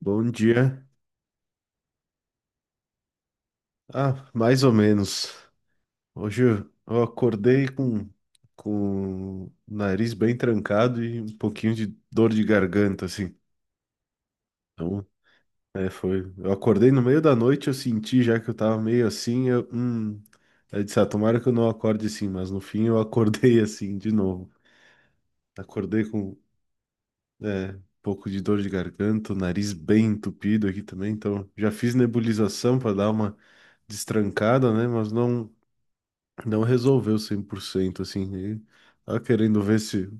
Bom dia. Ah, mais ou menos. Hoje eu acordei com o nariz bem trancado e um pouquinho de dor de garganta, assim. Então, é, foi. Eu acordei no meio da noite, eu senti já que eu tava meio assim. Eu disse, ah, tomara que eu não acorde assim, mas no fim eu acordei assim de novo. Acordei com, é, um pouco de dor de garganta, o nariz bem entupido aqui também. Então, já fiz nebulização para dar uma destrancada, né? Mas não, resolveu 100%, assim, e tava querendo ver se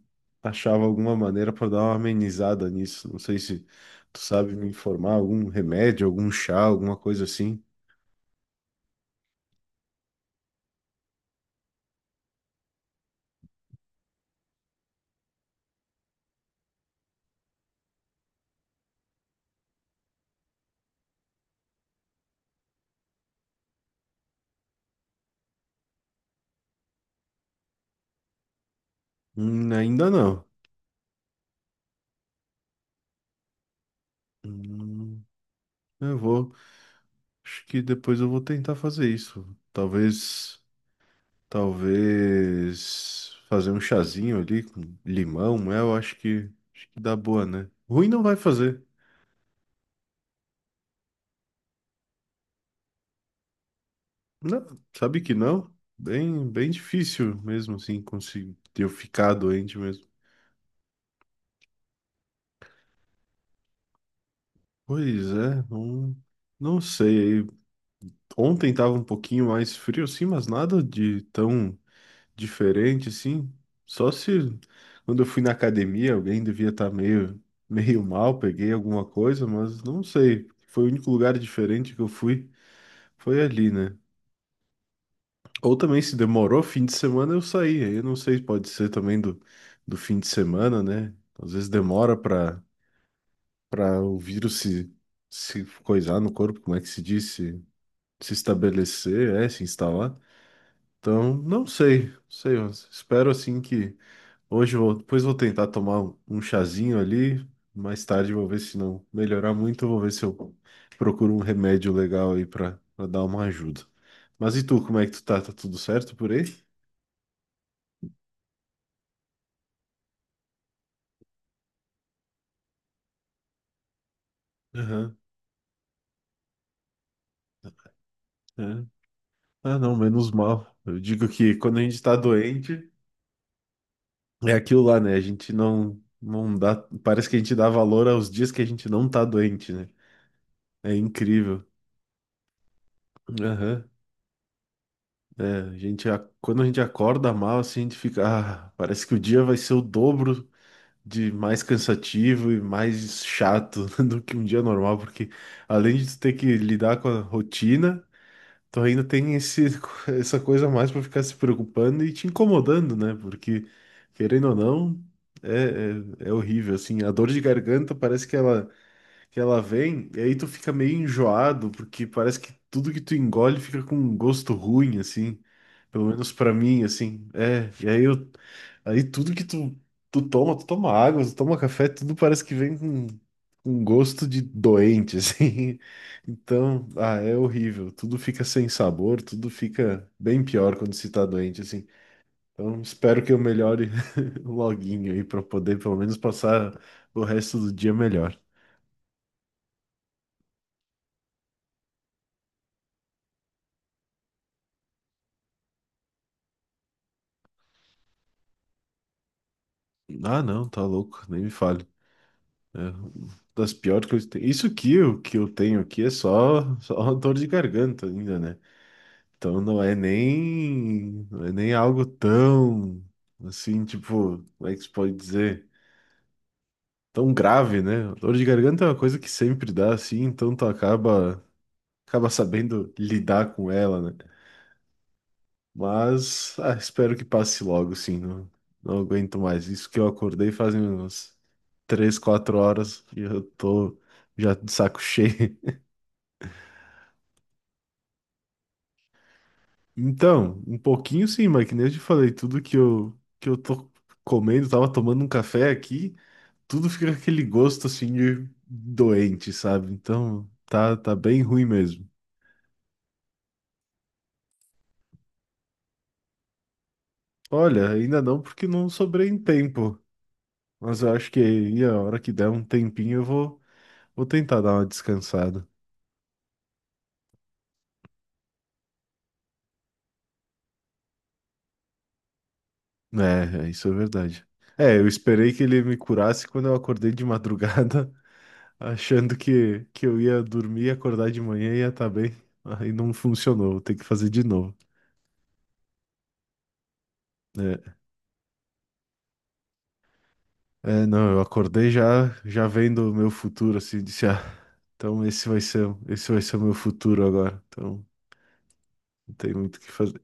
achava alguma maneira para dar uma amenizada nisso. Não sei se tu sabe me informar, algum remédio, algum chá, alguma coisa assim. Ainda não. Hum, eu vou, acho que depois eu vou tentar fazer isso. Talvez, talvez fazer um chazinho ali com limão, mel, acho que dá boa, né? Ruim não vai fazer. Não, sabe que não? Bem difícil mesmo assim conseguir eu ficar doente mesmo. Pois é, não, não sei. Ontem tava um pouquinho mais frio assim, mas nada de tão diferente assim. Só se quando eu fui na academia alguém devia estar meio, meio mal, peguei alguma coisa, mas não sei. Foi o único lugar diferente que eu fui, foi ali, né? Ou também se demorou, fim de semana eu saí. Aí eu não sei, pode ser também do, do fim de semana, né? Às vezes demora para o vírus se, se coisar no corpo, como é que se diz? Se estabelecer, é, se instalar. Então, não sei, não sei, mas espero assim que hoje eu vou, depois vou tentar tomar um chazinho ali, mais tarde vou ver se não melhorar muito, eu vou ver se eu procuro um remédio legal aí para dar uma ajuda. Mas e tu, como é que tu tá? Tá tudo certo por aí? É. Ah, não, menos mal. Eu digo que quando a gente tá doente, é aquilo lá, né? A gente não, não dá. Parece que a gente dá valor aos dias que a gente não tá doente, né? É incrível. Aham. É, quando a gente acorda mal, assim, a gente fica. Ah, parece que o dia vai ser o dobro de mais cansativo e mais chato do que um dia normal, porque além de tu ter que lidar com a rotina. Tu ainda tem essa coisa mais pra ficar se preocupando e te incomodando, né? Porque, querendo ou não, é horrível, assim. A dor de garganta parece que ela vem e aí tu fica meio enjoado, porque parece que tudo que tu engole fica com um gosto ruim, assim. Pelo menos pra mim, assim. É, e aí tudo que tu, tu toma água, tu toma café, tudo parece que vem com gosto de doente, assim. Então, ah, é horrível. Tudo fica sem sabor, tudo fica bem pior quando se tá doente, assim. Então, espero que eu melhore loguinho aí pra poder pelo menos passar o resto do dia melhor. Ah, não, tá louco, nem me fale. É, das piores coisas que tem. Isso aqui, o que eu tenho aqui é só, só dor de garganta ainda, né? Então não é nem, não é nem algo tão, assim, tipo, como é que se pode dizer? Tão grave, né? Dor de garganta é uma coisa que sempre dá, assim, então tu acaba, acaba sabendo lidar com ela, né? Mas, ah, espero que passe logo, sim. Não, não aguento mais. Isso que eu acordei fazem umas três, quatro horas e eu tô já de saco cheio. Então, um pouquinho sim, mas que nem eu te falei, tudo que eu tô comendo, tava tomando um café aqui, tudo fica com aquele gosto assim de doente, sabe? Então, tá, tá bem ruim mesmo. Olha, ainda não porque não sobrei em tempo, mas eu acho que aí a hora que der um tempinho eu vou, vou tentar dar uma descansada. Isso é verdade. É, eu esperei que ele me curasse quando eu acordei de madrugada achando que eu ia dormir, acordar de manhã e ia estar bem. Aí não funcionou, vou ter que fazer de novo. É, não, eu acordei já, já vendo o meu futuro, assim, disse, ah, então esse vai ser o meu futuro agora. Então, não tem muito o que fazer.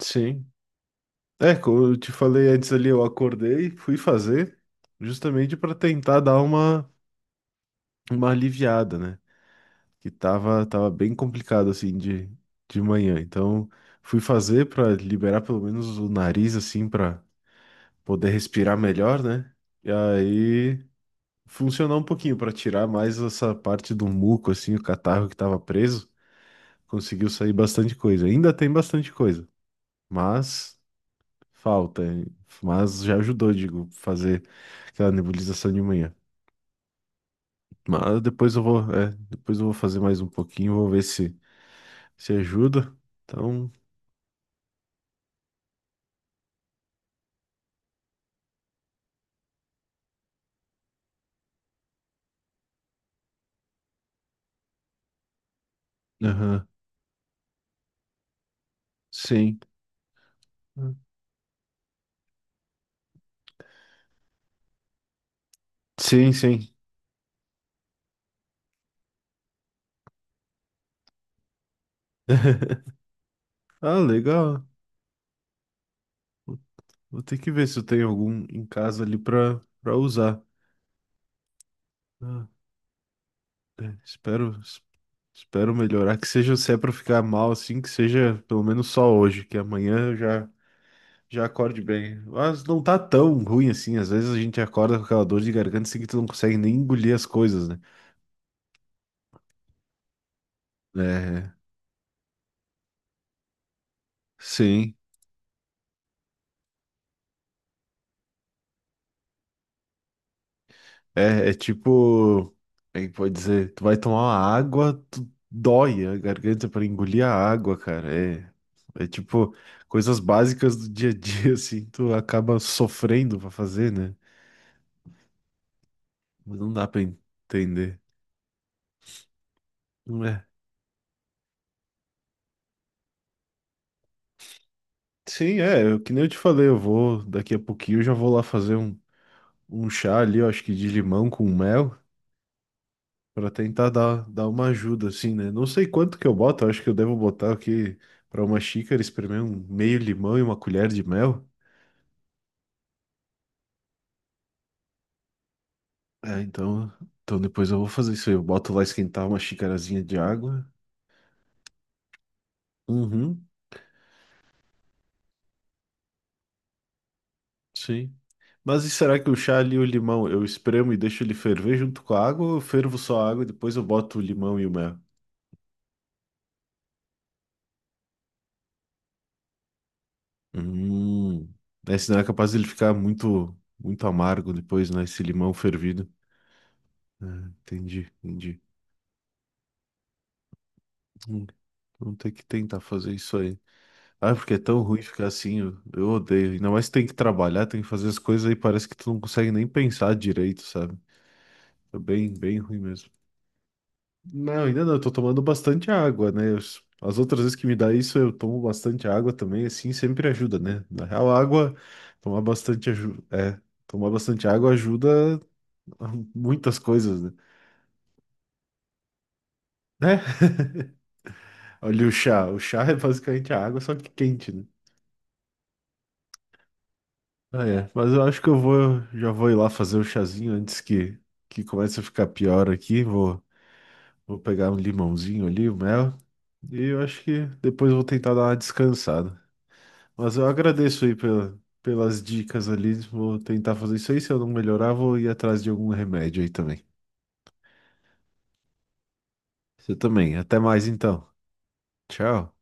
Sim. É, como eu te falei antes ali, eu acordei, fui fazer, justamente para tentar dar uma aliviada, né? Que tava, tava bem complicado assim de manhã. Então fui fazer para liberar pelo menos o nariz assim para poder respirar melhor, né? E aí funcionou um pouquinho para tirar mais essa parte do muco assim, o catarro que tava preso, conseguiu sair bastante coisa. Ainda tem bastante coisa, mas falta, hein? Mas já ajudou, digo, fazer aquela nebulização de manhã. Mas depois eu vou, é, depois eu vou fazer mais um pouquinho, vou ver se ajuda. Então, Aham. Sim. Sim, sim. Ah, legal. Vou ter que ver se eu tenho algum em casa ali pra, pra usar. Ah, é, espero melhorar. Que seja, se é pra ficar mal assim, que seja pelo menos só hoje, que amanhã eu já, já acorde bem. Mas não tá tão ruim assim. Às vezes a gente acorda com aquela dor de garganta assim que tu não consegue nem engolir as coisas, né? É, sim. É, é tipo, aí pode dizer, tu vai tomar uma água, tu dói a garganta pra engolir a água, cara. É, é tipo coisas básicas do dia a dia, assim, tu acaba sofrendo pra fazer, né? Mas não dá pra entender. Não é. Sim, é, que nem eu te falei, eu vou, daqui a pouquinho eu já vou lá fazer um, um chá ali, eu acho que de limão com mel. Pra tentar dar, dar uma ajuda, assim, né? Não sei quanto que eu boto, acho que eu devo botar aqui pra uma xícara, espremer um meio limão e uma colher de mel. É, então, então depois eu vou fazer isso aí. Eu boto lá esquentar uma xicarazinha de água. Uhum, sim. Mas e será que o chá ali, e o limão, eu espremo e deixo ele ferver junto com a água ou eu fervo só a água e depois eu boto o limão e o mel? Hum, né? Senão é capaz dele ficar muito, muito amargo depois, né? Esse limão fervido. Ah, entendi, entendi. Vamos ter que tentar fazer isso aí. Ah, é porque é tão ruim ficar assim, eu odeio. Ainda mais tem que trabalhar, tem que fazer as coisas aí, parece que tu não consegue nem pensar direito, sabe? É bem, bem ruim mesmo. Não, ainda não, eu tô tomando bastante água, né? As outras vezes que me dá isso, eu tomo bastante água também, assim, sempre ajuda, né? Na real, a água, tomar bastante ajuda, é, tomar bastante água ajuda a muitas coisas, né? Né? Olha o chá é basicamente a água, só que quente, né? Ah, é. Mas eu acho que eu vou, já vou ir lá fazer o chazinho antes que comece a ficar pior aqui. Vou, vou pegar um limãozinho ali, o mel. E eu acho que depois vou tentar dar uma descansada. Mas eu agradeço aí pela, pelas dicas ali. Vou tentar fazer isso aí. Se eu não melhorar, vou ir atrás de algum remédio aí também. Você também. Até mais então. Tchau.